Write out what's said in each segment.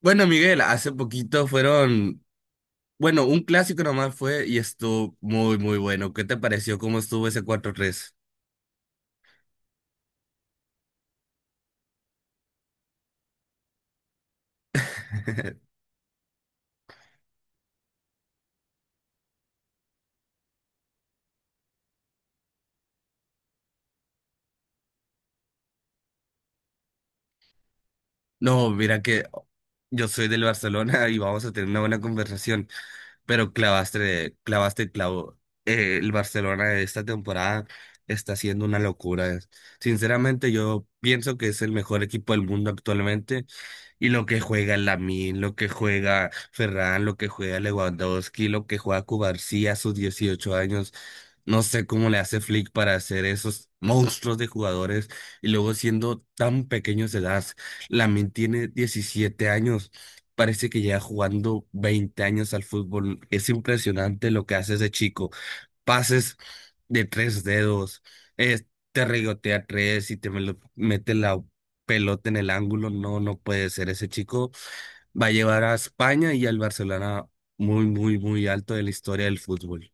Bueno, Miguel, hace poquito fueron, bueno, un clásico nomás fue y estuvo muy, muy bueno. ¿Qué te pareció cómo estuvo ese 4-3? No, mira que yo soy del Barcelona y vamos a tener una buena conversación. Pero clavaste, clavaste el clavo. El Barcelona de esta temporada está siendo una locura. Sinceramente, yo pienso que es el mejor equipo del mundo actualmente. Y lo que juega Lamine, lo que juega Ferran, lo que juega Lewandowski, lo que juega Cubarsí a sus 18 años. No sé cómo le hace Flick para hacer esos monstruos de jugadores y luego siendo tan pequeños de edad. Lamine tiene 17 años, parece que lleva jugando 20 años al fútbol. Es impresionante lo que hace ese chico. Pases de tres dedos, eh, te regotea tres y mete la pelota en el ángulo. No, no puede ser. Ese chico va a llevar a España y al Barcelona muy, muy, muy alto de la historia del fútbol.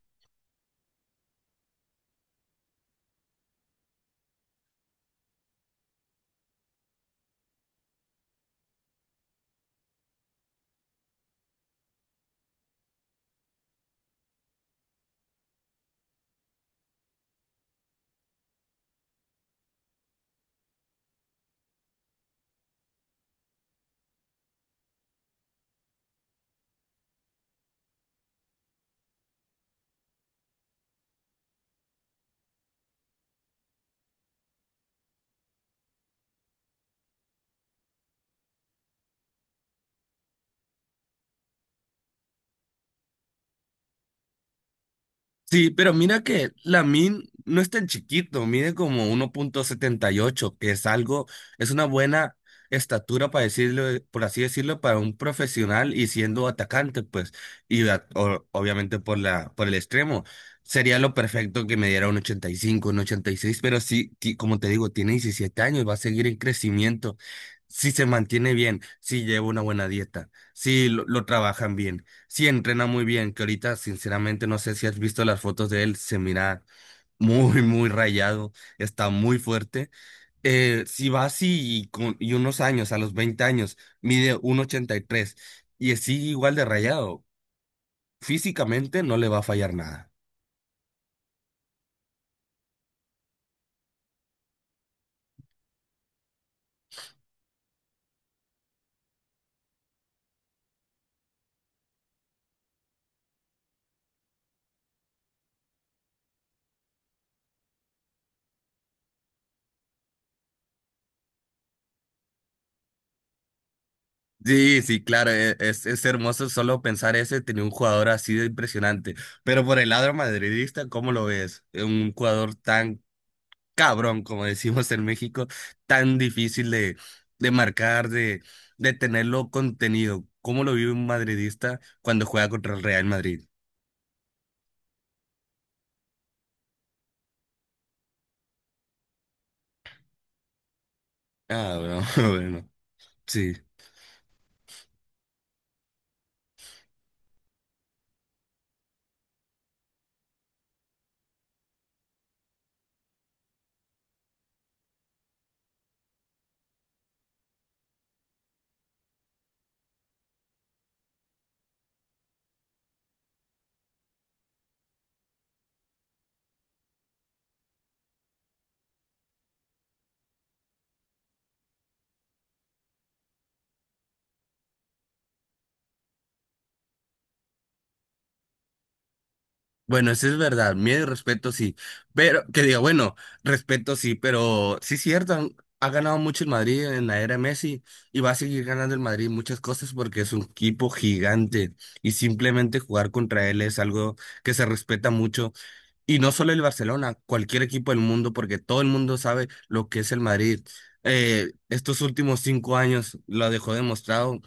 Sí, pero mira que min no es tan chiquito, mide como 1,78, que es algo, es una buena estatura para decirlo, por así decirlo, para un profesional y siendo atacante, pues, y obviamente por el extremo. Sería lo perfecto que me diera un 85, un 86, pero sí, como te digo, tiene 17 años, va a seguir en crecimiento. Si se mantiene bien, si lleva una buena dieta, si lo trabajan bien. Sí, entrena muy bien, que ahorita sinceramente no sé si has visto las fotos de él, se mira muy, muy rayado, está muy fuerte. Si va así y unos años, a los 20 años, mide 1,83 y tres y sigue igual de rayado, físicamente no le va a fallar nada. Sí, sí, claro, es hermoso solo pensar ese, tenía un jugador así de impresionante, pero por el lado madridista, ¿cómo lo ves? Un jugador tan cabrón, como decimos en México, tan difícil de marcar, de tenerlo contenido. ¿Cómo lo vive un madridista cuando juega contra el Real Madrid? Ah, bueno, bueno, sí. Bueno, eso es verdad, miedo y respeto sí, pero que diga, bueno, respeto sí, pero sí es cierto, ha ganado mucho el Madrid en la era Messi y va a seguir ganando el Madrid muchas cosas porque es un equipo gigante y simplemente jugar contra él es algo que se respeta mucho. Y no solo el Barcelona, cualquier equipo del mundo, porque todo el mundo sabe lo que es el Madrid. Estos últimos 5 años lo dejó demostrado.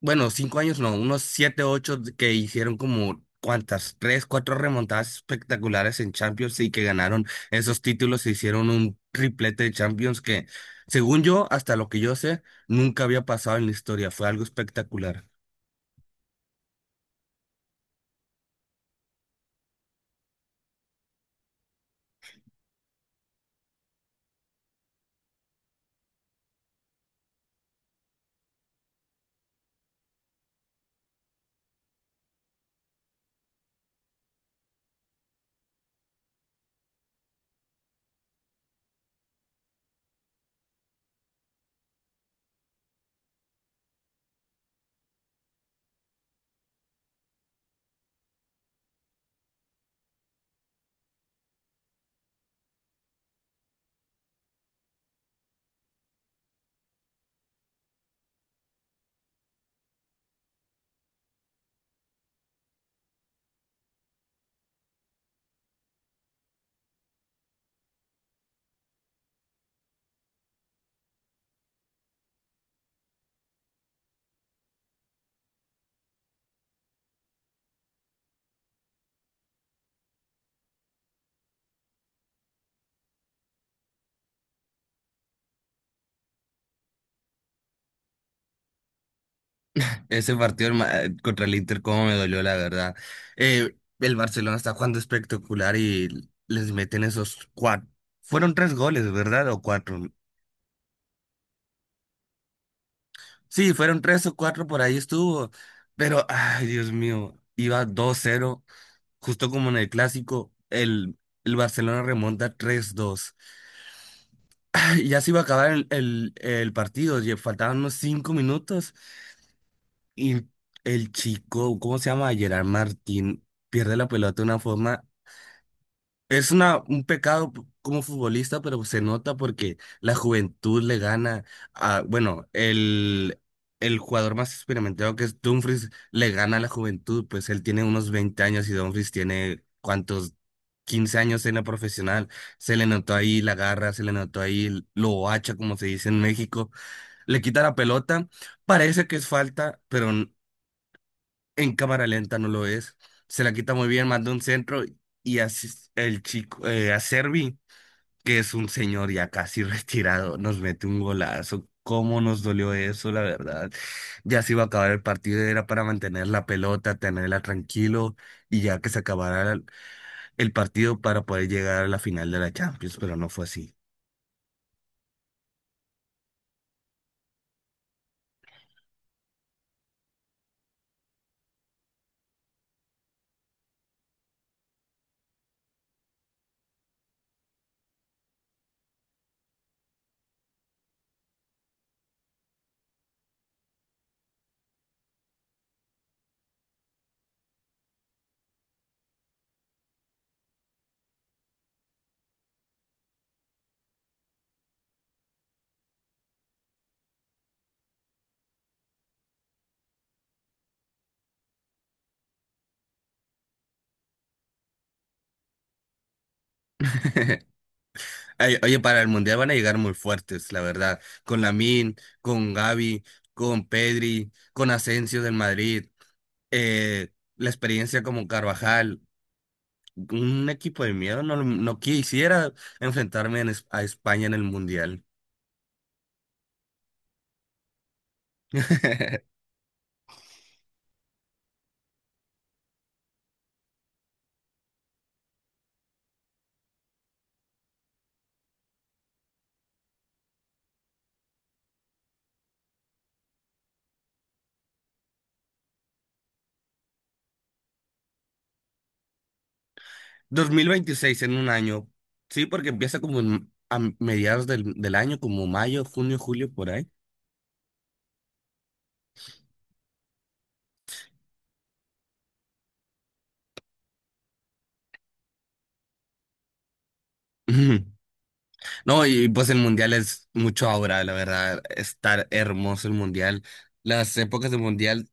Bueno, 5 años no, unos siete, ocho, que hicieron como cuantas, tres, cuatro remontadas espectaculares en Champions y que ganaron esos títulos e hicieron un triplete de Champions que, según yo, hasta lo que yo sé, nunca había pasado en la historia. Fue algo espectacular. Ese partido contra el Inter, cómo me dolió, la verdad. El Barcelona está jugando espectacular y les meten esos cuatro. Fueron tres goles, ¿verdad? O cuatro. Sí, fueron tres o cuatro, por ahí estuvo. Pero, ay, Dios mío, iba 2-0 justo como en el clásico, el Barcelona remonta 3-2. Ay, ya se iba a acabar el partido, ya faltaban unos 5 minutos y el chico, ¿cómo se llama? Gerard Martín pierde la pelota de una forma. Es un pecado como futbolista, pero se nota porque la juventud le gana a, bueno, el jugador más experimentado que es Dumfries le gana a la juventud, pues él tiene unos 20 años y Dumfries tiene cuántos, 15 años en la profesional. Se le notó ahí la garra, se le notó ahí lo hacha, como se dice en México. Le quita la pelota, parece que es falta, pero en cámara lenta no lo es. Se la quita muy bien, manda un centro y así el chico, Acerbi, que es un señor ya casi retirado, nos mete un golazo. ¿Cómo nos dolió eso, la verdad? Ya se iba a acabar el partido, era para mantener la pelota, tenerla tranquilo y ya que se acabara el partido para poder llegar a la final de la Champions, pero no fue así. Ay, oye, para el Mundial van a llegar muy fuertes, la verdad, con Lamine, con Gavi, con Pedri, con Asensio del Madrid. eh, la experiencia como Carvajal, un equipo de miedo, no, no quisiera enfrentarme a España en el Mundial. 2026 en un año, sí, porque empieza como a mediados del año, como mayo, junio, julio, por ahí. Ujú. No, y pues el mundial es mucho ahora, la verdad, estar hermoso el mundial. Las épocas del mundial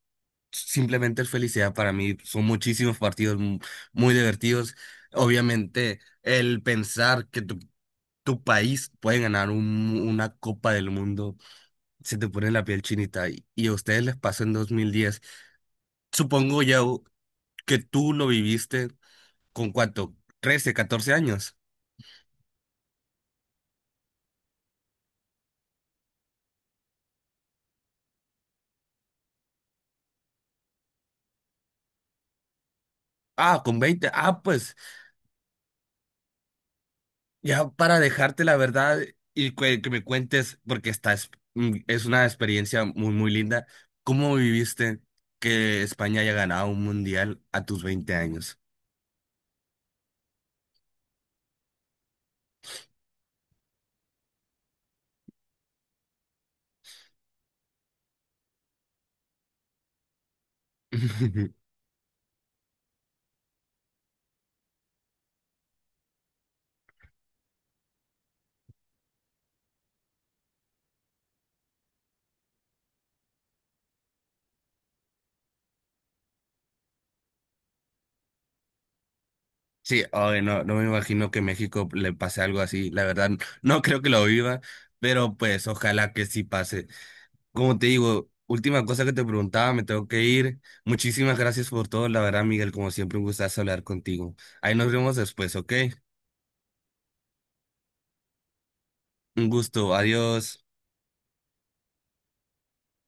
simplemente es felicidad para mí, son muchísimos partidos muy divertidos. Obviamente, el pensar que tú tu país puede ganar una Copa del Mundo, se te pone la piel chinita y a ustedes les pasó en 2010. Supongo ya que tú lo viviste con cuánto, 13, 14 años. Ah, con 20. Ah, pues ya para dejarte la verdad y que me cuentes, porque esta es una experiencia muy, muy linda, ¿cómo viviste que España haya ganado un mundial a tus 20 años? Sí, ay, no, no me imagino que México le pase algo así. La verdad, no creo que lo viva, pero pues ojalá que sí pase. Como te digo, última cosa que te preguntaba, me tengo que ir. Muchísimas gracias por todo, la verdad, Miguel, como siempre, un gustazo hablar contigo. Ahí nos vemos después, ¿ok? Un gusto, adiós.